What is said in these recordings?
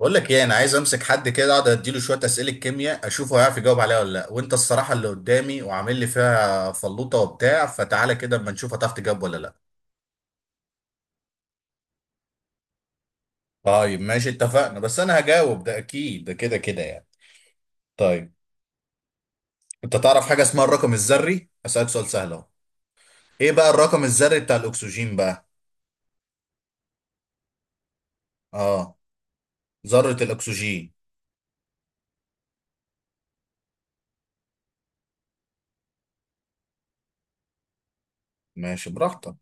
بقول لك ايه، انا عايز امسك حد كده اقعد اديله شويه اسئله كيمياء اشوف هو هيعرف يجاوب عليها ولا لا. وانت الصراحه اللي قدامي وعامل لي فيها فلوطه وبتاع، فتعالى كده اما نشوف هتعرف تجاوب ولا لا. طيب ماشي اتفقنا، بس انا هجاوب ده اكيد، ده كده كده يعني. طيب، انت تعرف حاجه اسمها الرقم الذري؟ اسالك سؤال سهل اهو. ايه بقى الرقم الذري بتاع الاكسجين بقى؟ اه، ذره الاكسجين. ماشي براحتك.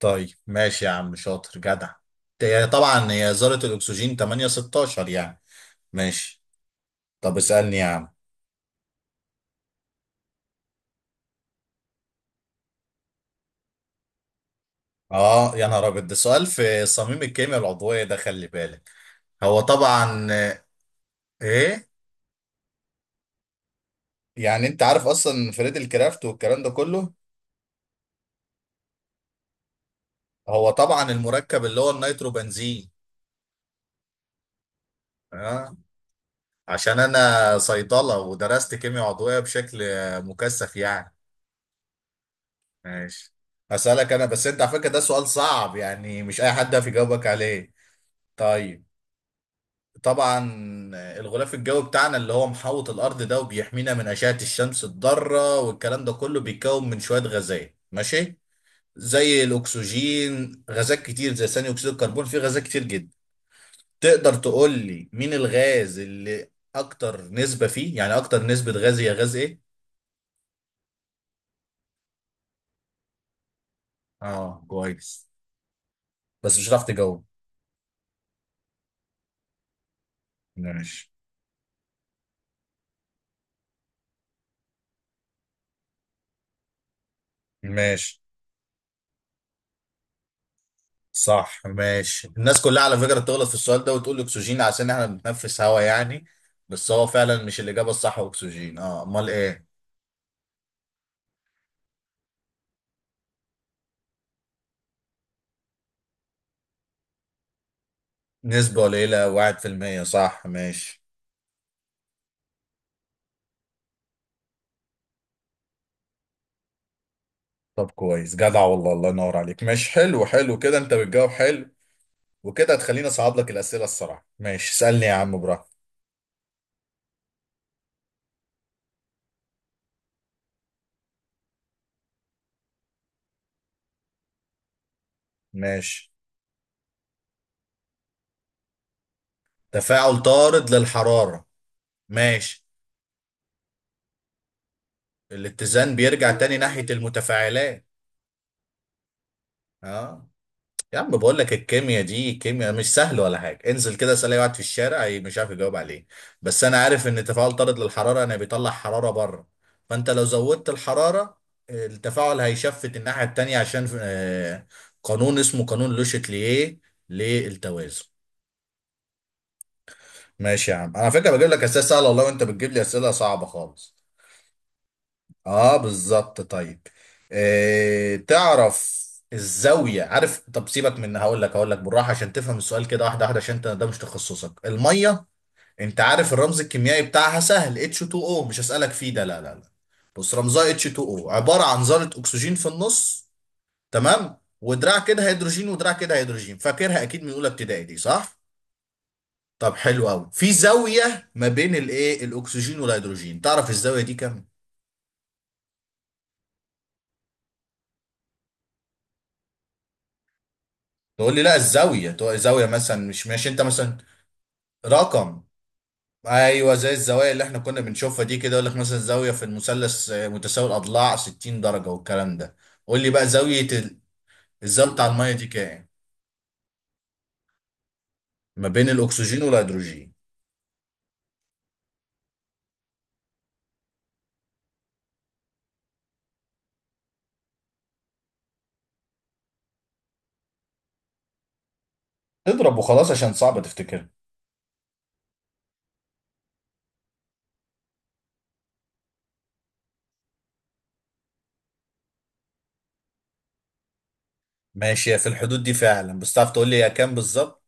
طيب ماشي يا عم، شاطر جدع. هي طبعا هي ذره الاكسجين 8 16 يعني. ماشي. طب اسالني يا عم. اه يا نهار ابيض، ده سؤال في صميم الكيمياء العضويه ده، خلي بالك. هو طبعا ايه، يعني انت عارف اصلا فريد الكرافت والكلام ده كله. هو طبعا المركب اللي هو النيترو بنزين. اه، عشان انا صيدله ودرست كيمياء عضويه بشكل مكثف يعني. ماشي. اسالك انا بس، انت على فكره ده سؤال صعب يعني، مش اي حد في يجاوبك عليه. طيب، طبعا الغلاف الجوي بتاعنا اللي هو محوط الارض ده وبيحمينا من اشعه الشمس الضاره والكلام ده كله بيتكون من شويه غازات ماشي، زي الاكسجين غازات كتير، زي ثاني اكسيد الكربون، في غازات كتير جدا. تقدر تقول لي مين الغاز اللي اكتر نسبه فيه؟ يعني اكتر نسبه غاز هي غاز ايه؟ اه كويس، بس مش هتعرف تجاوب. ماشي. ماشي صح. ماشي، الناس كلها على فكرة تغلط في السؤال ده وتقول اكسجين عشان احنا بنتنفس هوا يعني، بس هو فعلا مش الإجابة الصح. هو اكسجين؟ اه، امال ايه. نسبة قليلة، واحد في المية، صح ماشي. طب كويس جدع والله، الله ينور عليك، ماشي حلو، حلو كده، انت بتجاوب حلو. وكده هتخليني اصعب لك الأسئلة الصراحة. ماشي اسألني يا عم براحتك. ماشي. تفاعل طارد للحرارة. ماشي. الاتزان بيرجع تاني ناحية المتفاعلات. اه. يا عم بقول لك الكيمياء دي كيمياء مش سهل ولا حاجه، انزل كده اسال اي واحد في الشارع مش عارف يجاوب عليه. بس انا عارف ان تفاعل طارد للحراره انا بيطلع حراره بره، فانت لو زودت الحراره التفاعل هيشفت الناحيه التانيه عشان قانون اسمه قانون لوشتليه للتوازن. ماشي يا عم، انا على فكره بجيب لك اسئله سهله والله وانت بتجيب لي اسئله صعبه خالص. اه بالظبط. طيب، آه تعرف الزاوية؟ عارف؟ طب سيبك، من هقول لك، هقول لك بالراحة عشان تفهم السؤال كده واحدة واحدة عشان انت ده مش تخصصك المية. انت عارف الرمز الكيميائي بتاعها؟ سهل، H2O. مش هسألك فيه ده، لا لا لا. بص رمزها H2O، عبارة عن ذرة أكسجين في النص، تمام، ودراع كده هيدروجين ودراع كده هيدروجين. فاكرها أكيد من أولى ابتدائي دي، صح؟ طب حلو أوي، في زاوية ما بين الإيه، الأكسجين والهيدروجين، تعرف الزاوية دي كام؟ تقول لي لا الزاويه، تقول زاويه مثلا مش، ماشي انت مثلا، رقم. ايوه، زي الزوايا اللي احنا كنا بنشوفها دي كده، يقول لك مثلا زاويه في المثلث متساوي الاضلاع 60 درجه والكلام ده. قول لي بقى زاويه الزاويه بتاع الميه دي كام؟ ما بين الاكسجين والهيدروجين. اضرب وخلاص عشان صعب تفتكرها. ماشي هي في الحدود دي فعلا، بس تعرف تقول لي هي كام بالظبط؟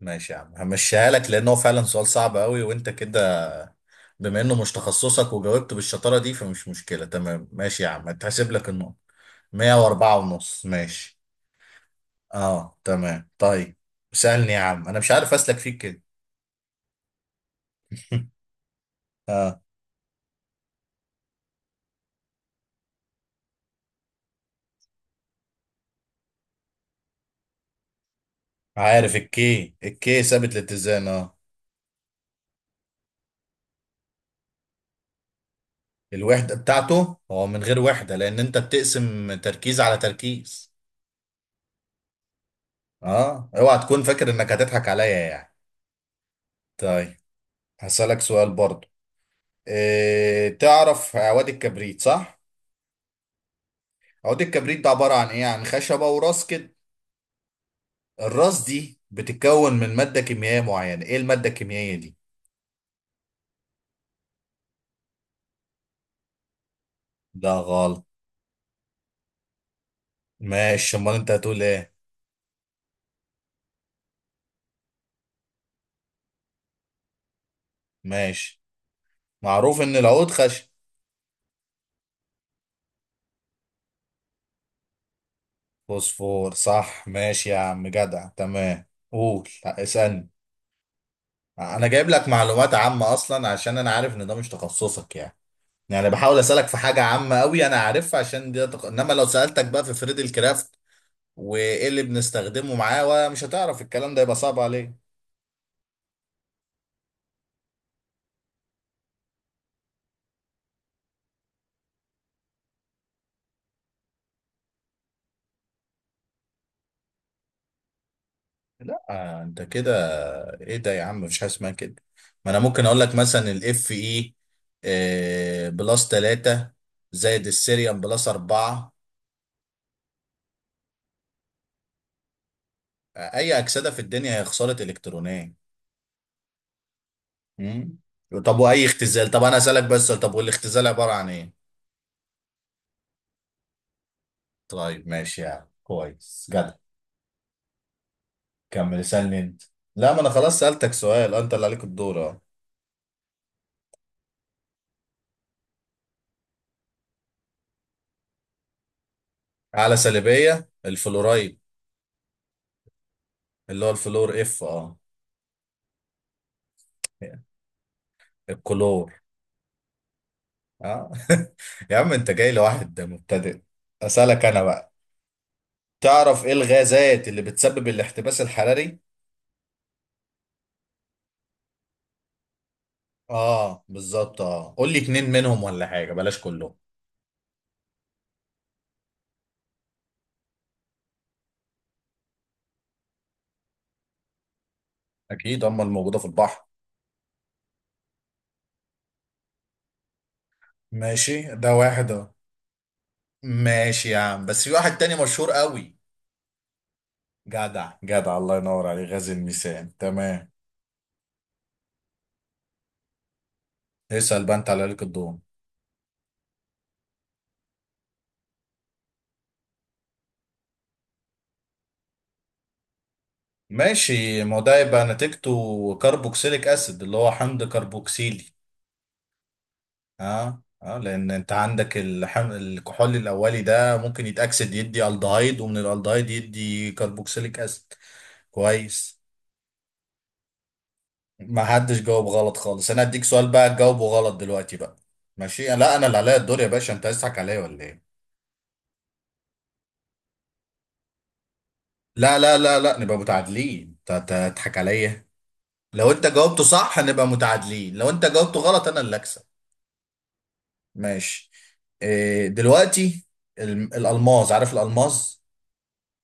ماشي يا عم همشيها لك، لان هو فعلا سؤال صعب قوي وانت كده بما انه مش تخصصك وجاوبت بالشطاره دي فمش مشكله، تمام، ماشي يا عم هتحسب لك النقطه. 104 ونص، ماشي. اه تمام، طيب. سألني يا عم، انا مش عارف اسلك فيك كده. اه عارف، الكي، الكي ثابت الاتزان، اه. الوحدة بتاعته هو من غير وحدة لان انت بتقسم تركيز على تركيز. اه اوعى تكون فاكر انك هتضحك عليا يعني. طيب، هسألك سؤال برضو. إيه، تعرف عواد الكبريت، صح؟ عواد الكبريت ده عبارة عن ايه؟ عن خشبة وراس كده، الراس دي بتتكون من مادة كيميائية معينة، ايه المادة الكيميائية دي؟ ده غلط. ماشي، امال انت هتقول ايه؟ ماشي. معروف ان العود خشن. فوسفور، صح، ماشي يا عم، جدع تمام. قول لا، اسألني. انا جايب لك معلومات عامة اصلا عشان انا عارف ان ده مش تخصصك يعني. يعني بحاول اسألك في حاجة عامة قوي انا عارفها عشان دي انما لو سألتك بقى في فريد الكرافت وايه اللي بنستخدمه معاه ومش هتعرف الكلام ده يبقى صعب عليك. لا انت كده، ايه ده يا عم، مفيش حاجه اسمها كده. ما انا ممكن اقول لك مثلا الاف اي بلس 3 زائد السيريوم بلس 4. اي اكسده في الدنيا هي خساره الكترونيه. مم. طب واي اختزال، طب انا اسالك بس سؤال، طب والاختزال عباره عن ايه؟ طيب ماشي يعني، كويس جدع. كمل اسالني انت. لا ما انا خلاص سالتك سؤال انت اللي عليك الدور، اه. اعلى سلبيه، الفلورايد، اللي هو الفلور، اف، اه. الكلور، اه. يا عم انت جاي لواحد مبتدئ. اسالك انا بقى، تعرف ايه الغازات اللي بتسبب الاحتباس الحراري؟ اه بالظبط، اه، قول لي اتنين منهم ولا حاجه، بلاش كلهم. اكيد هم الموجوده في البحر. ماشي ده واحد اهو. ماشي يا عم بس في واحد تاني مشهور قوي. جدع جدع، الله ينور عليه، غاز الميثان تمام. اسال بقى، انت على ليك الدور. ماشي، ما هو ده يبقى نتيجته كربوكسيليك اسيد، اللي هو حمض كربوكسيلي. اه اه، لان انت عندك الكحول الاولي ده ممكن يتاكسد يدي الدهايد، ومن الالدهايد يدي كربوكسيليك اسيد. كويس. ما حدش جاوب غلط خالص، انا اديك سؤال بقى تجاوبه غلط دلوقتي بقى. ماشي. لا انا اللي عليا الدور يا باشا، انت عايز تضحك عليا ولا ايه؟ لا لا لا لا، نبقى متعادلين، تضحك عليا. لو انت جاوبته صح هنبقى متعادلين، لو انت جاوبته غلط انا اللي اكسب. ماشي. إيه دلوقتي، الالماس، عارف الالماس؟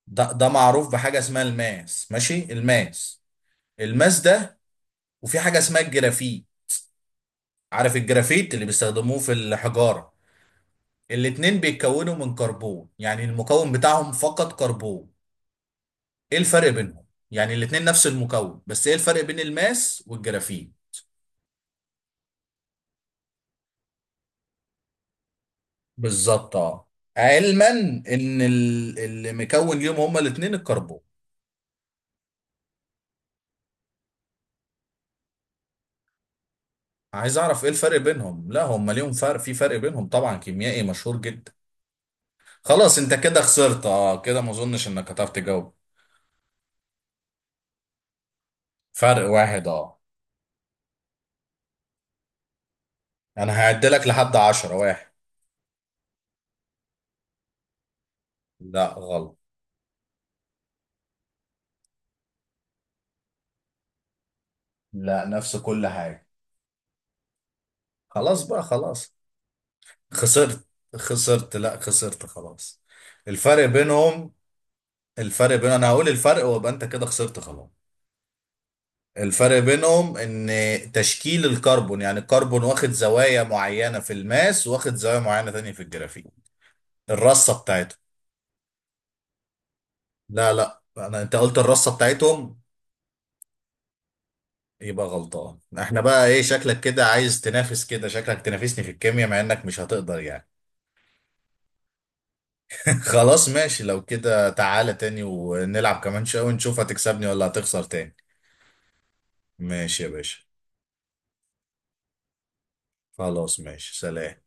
ده ده معروف بحاجه اسمها الماس، ماشي، الماس. الماس ده، وفي حاجه اسمها الجرافيت. عارف الجرافيت اللي بيستخدموه في الحجاره؟ الاتنين بيتكونوا من كربون، يعني المكون بتاعهم فقط كربون. ايه الفرق بينهم؟ يعني الاتنين نفس المكون، بس ايه الفرق بين الماس والجرافيت؟ بالظبط اه، علما ان اللي مكون ليهم هما الاتنين الكربون. عايز اعرف ايه الفرق بينهم. لا هما ليهم فرق، في فرق بينهم طبعا كيميائي مشهور جدا. خلاص انت كده خسرت، اه كده ما اظنش انك هتعرف تجاوب. فرق واحد، اه. انا هعدلك لحد عشرة واحد. لا غلط. لا، نفس كل حاجة. خلاص بقى خلاص. خسرت. خسرت، لا خسرت خلاص. الفرق بينهم. الفرق بين، انا هقول الفرق وابقى انت كده خسرت خلاص. الفرق بينهم ان تشكيل الكربون، يعني الكربون واخد زوايا معينة في الماس واخد زوايا معينة تانية في الجرافيت، الرصة بتاعته. لا لا، انا انت قلت الرصة بتاعتهم، يبقى غلطان. احنا بقى ايه، شكلك كده عايز تنافس، كده شكلك تنافسني في الكيمياء مع انك مش هتقدر يعني. خلاص ماشي، لو كده تعالى تاني ونلعب كمان شوية ونشوف هتكسبني ولا هتخسر تاني. ماشي يا باشا. خلاص ماشي، سلام.